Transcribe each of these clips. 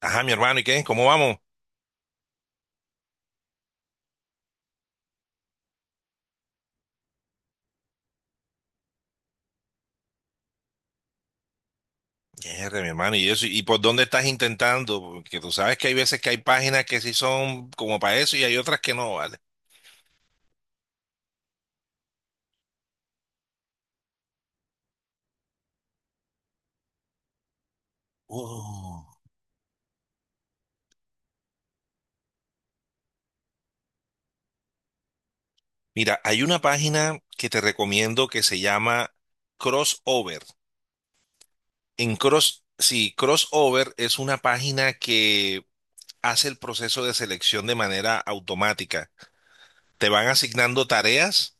Ajá, mi hermano, ¿y qué? ¿Cómo vamos? Mierda, mi hermano, ¿y eso? ¿Y por dónde estás intentando? Porque tú sabes que hay veces que hay páginas que sí son como para eso y hay otras que no, ¿vale? Uh. Mira, hay una página que te recomiendo que se llama Crossover. En Cross, sí, Crossover es una página que hace el proceso de selección de manera automática. Te van asignando tareas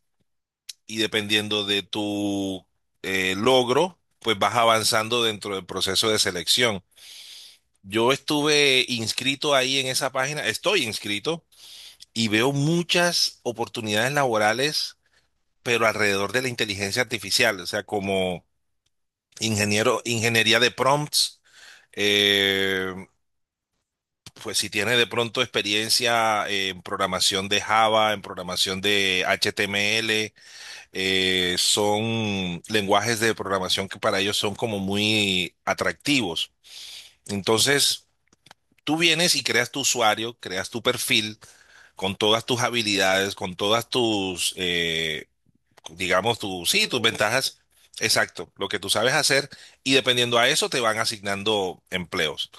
y dependiendo de tu logro, pues vas avanzando dentro del proceso de selección. Yo estuve inscrito ahí en esa página, estoy inscrito y veo muchas oportunidades laborales, pero alrededor de la inteligencia artificial, o sea, como ingeniero, ingeniería de prompts, eh, pues si tienes de pronto experiencia en programación de Java, en programación de HTML, son lenguajes de programación que para ellos son como muy atractivos. Entonces, tú vienes y creas tu usuario, creas tu perfil con todas tus habilidades, con todas tus, digamos, tus, sí, tus ventajas. Exacto, lo que tú sabes hacer y dependiendo a eso te van asignando empleos.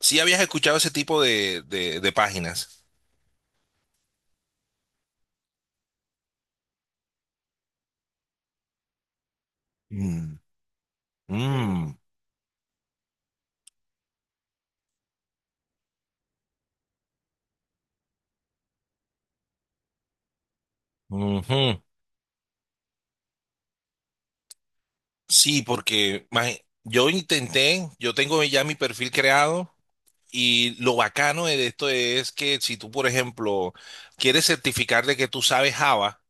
¿Si habías escuchado ese tipo de, de páginas? Mm, mm, ujú. Sí, porque yo intenté, yo tengo ya mi perfil creado y lo bacano de esto es que si tú, por ejemplo, quieres certificar de que tú sabes Java,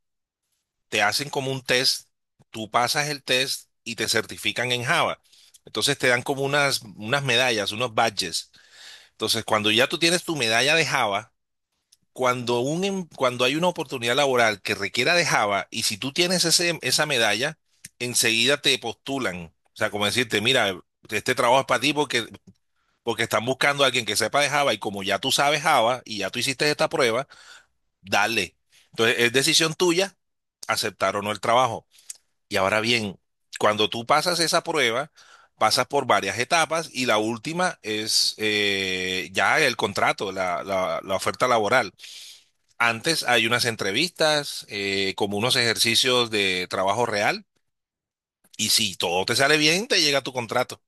te hacen como un test, tú pasas el test y te certifican en Java. Entonces te dan como unas, unas medallas, unos badges. Entonces, cuando ya tú tienes tu medalla de Java, cuando hay una oportunidad laboral que requiera de Java, y si tú tienes ese, esa medalla, enseguida te postulan. O sea, como decirte, mira, este trabajo es para ti porque, porque están buscando a alguien que sepa de Java y como ya tú sabes Java y ya tú hiciste esta prueba, dale. Entonces, es decisión tuya aceptar o no el trabajo. Y ahora bien, cuando tú pasas esa prueba, pasas por varias etapas y la última es ya el contrato, la, la oferta laboral. Antes hay unas entrevistas, como unos ejercicios de trabajo real y si todo te sale bien, te llega tu contrato.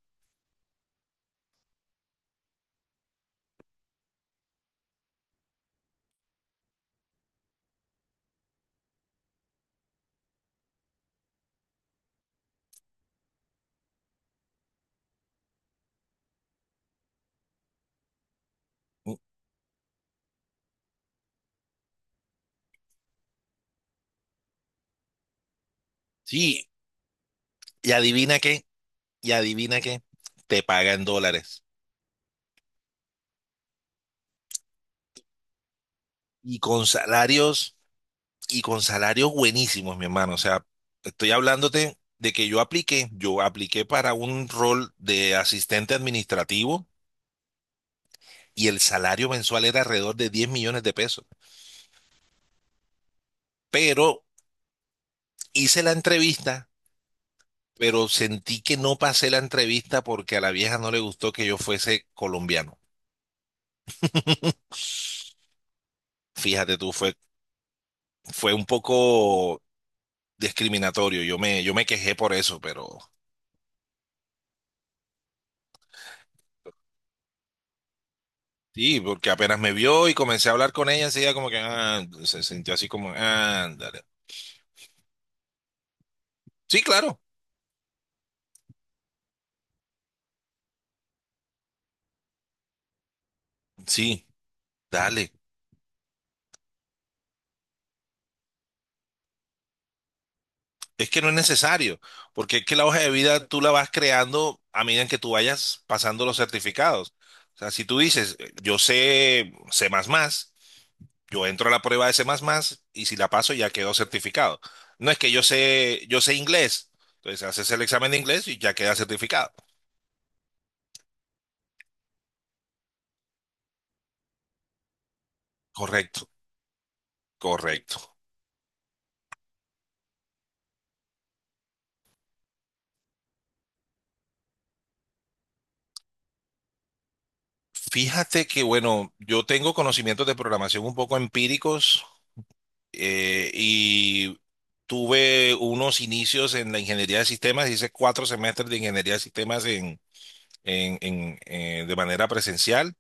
Sí, y adivina qué, y adivina qué, te pagan dólares y con salarios y con salarios buenísimos, mi hermano. O sea, estoy hablándote de que yo apliqué para un rol de asistente administrativo y el salario mensual era alrededor de 10 millones de pesos. Pero hice la entrevista, pero sentí que no pasé la entrevista porque a la vieja no le gustó que yo fuese colombiano. Fíjate tú, fue, fue un poco discriminatorio. Yo me quejé por eso, pero sí, porque apenas me vio y comencé a hablar con ella, enseguida como que ah, se sintió así como, ándale. Sí, claro. Sí, dale. Es que no es necesario, porque es que la hoja de vida tú la vas creando a medida en que tú vayas pasando los certificados. O sea, si tú dices, yo sé C++, yo entro a la prueba de C++ y si la paso ya quedo certificado. No es que yo sé inglés. Entonces haces el examen de inglés y ya queda certificado. Correcto, correcto. Fíjate que, bueno, yo tengo conocimientos de programación un poco empíricos y tuve unos inicios en la ingeniería de sistemas, hice 4 semestres de ingeniería de sistemas en, de manera presencial.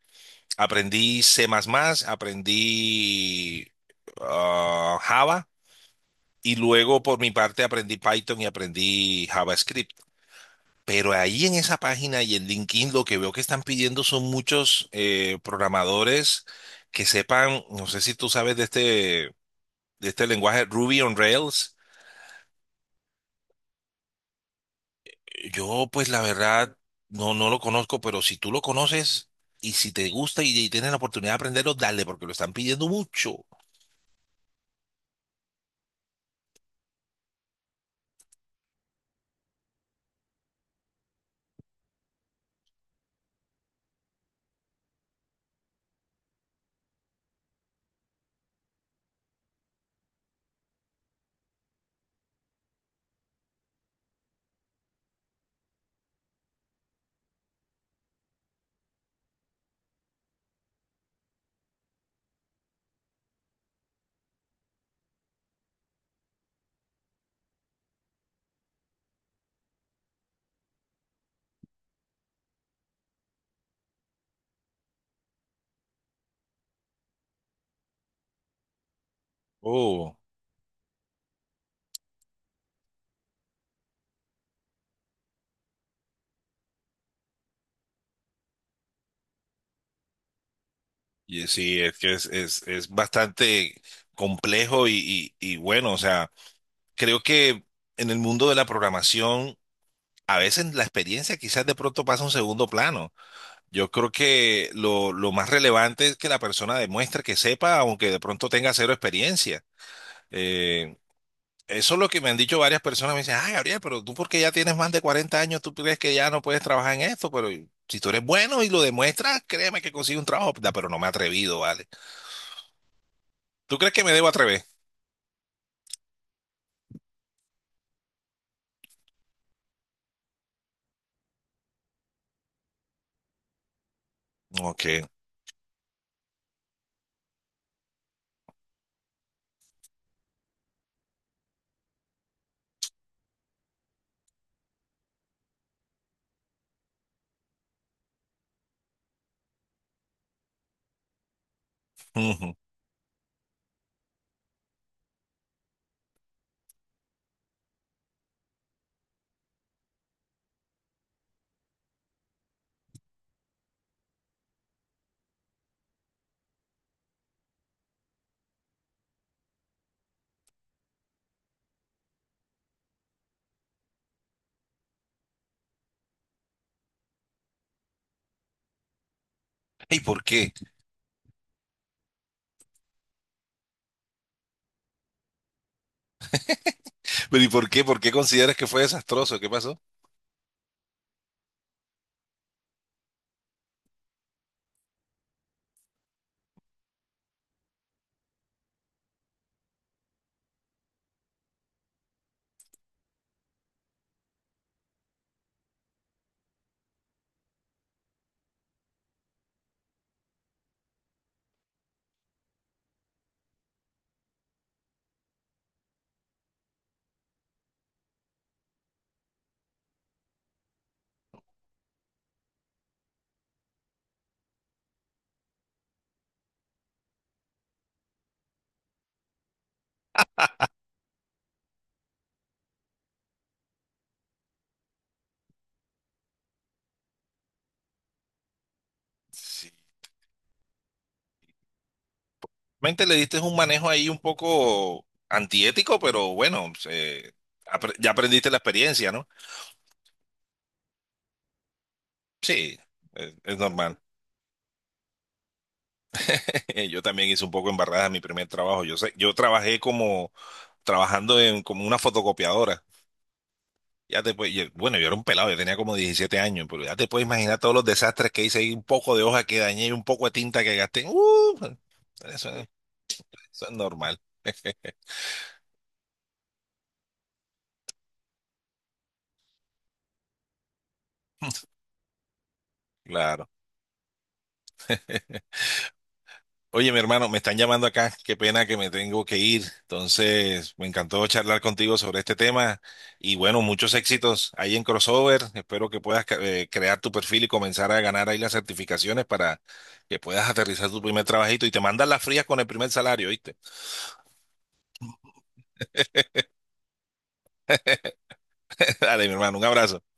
Aprendí C++, aprendí Java y luego por mi parte aprendí Python y aprendí JavaScript. Pero ahí en esa página y en LinkedIn lo que veo que están pidiendo son muchos programadores que sepan, no sé si tú sabes de este lenguaje Ruby on Rails. Yo, pues la verdad, no, no lo conozco, pero si tú lo conoces y si te gusta y tienes la oportunidad de aprenderlo, dale, porque lo están pidiendo mucho. Oh, y sí, es que es bastante complejo y bueno, o sea, creo que en el mundo de la programación. A veces la experiencia quizás de pronto pasa a un segundo plano. Yo creo que lo más relevante es que la persona demuestre que sepa, aunque de pronto tenga cero experiencia. Eh, eso es lo que me han dicho varias personas. Me dicen, ah, Gabriel, pero tú porque ya tienes más de 40 años, tú crees que ya no puedes trabajar en esto, pero si tú eres bueno y lo demuestras, créeme que consigo un trabajo. Da, pero no me he atrevido, ¿vale? ¿Tú crees que me debo atrever? Ok. Ujú. ¿Y por qué? Pero, ¿y por qué? ¿Por qué consideras que fue desastroso? ¿Qué pasó? Sí. Realmente le diste un manejo ahí un poco antiético, pero bueno, ya aprendiste la experiencia, ¿no? Sí, es normal. Yo también hice un poco embarrada en mi primer trabajo. Yo sé, yo trabajé como trabajando en como una fotocopiadora. Bueno, yo era un pelado, yo tenía como 17 años, pero ya te puedes imaginar todos los desastres que hice y un poco de hoja que dañé y un poco de tinta que gasté. ¡Uh! eso, eso es normal. Claro. Oye, mi hermano, me están llamando acá. Qué pena que me tengo que ir. Entonces, me encantó charlar contigo sobre este tema. Y bueno, muchos éxitos ahí en Crossover. Espero que puedas crear tu perfil y comenzar a ganar ahí las certificaciones para que puedas aterrizar tu primer trabajito y te mandas las frías con el primer salario, ¿viste? Dale, mi hermano, un abrazo.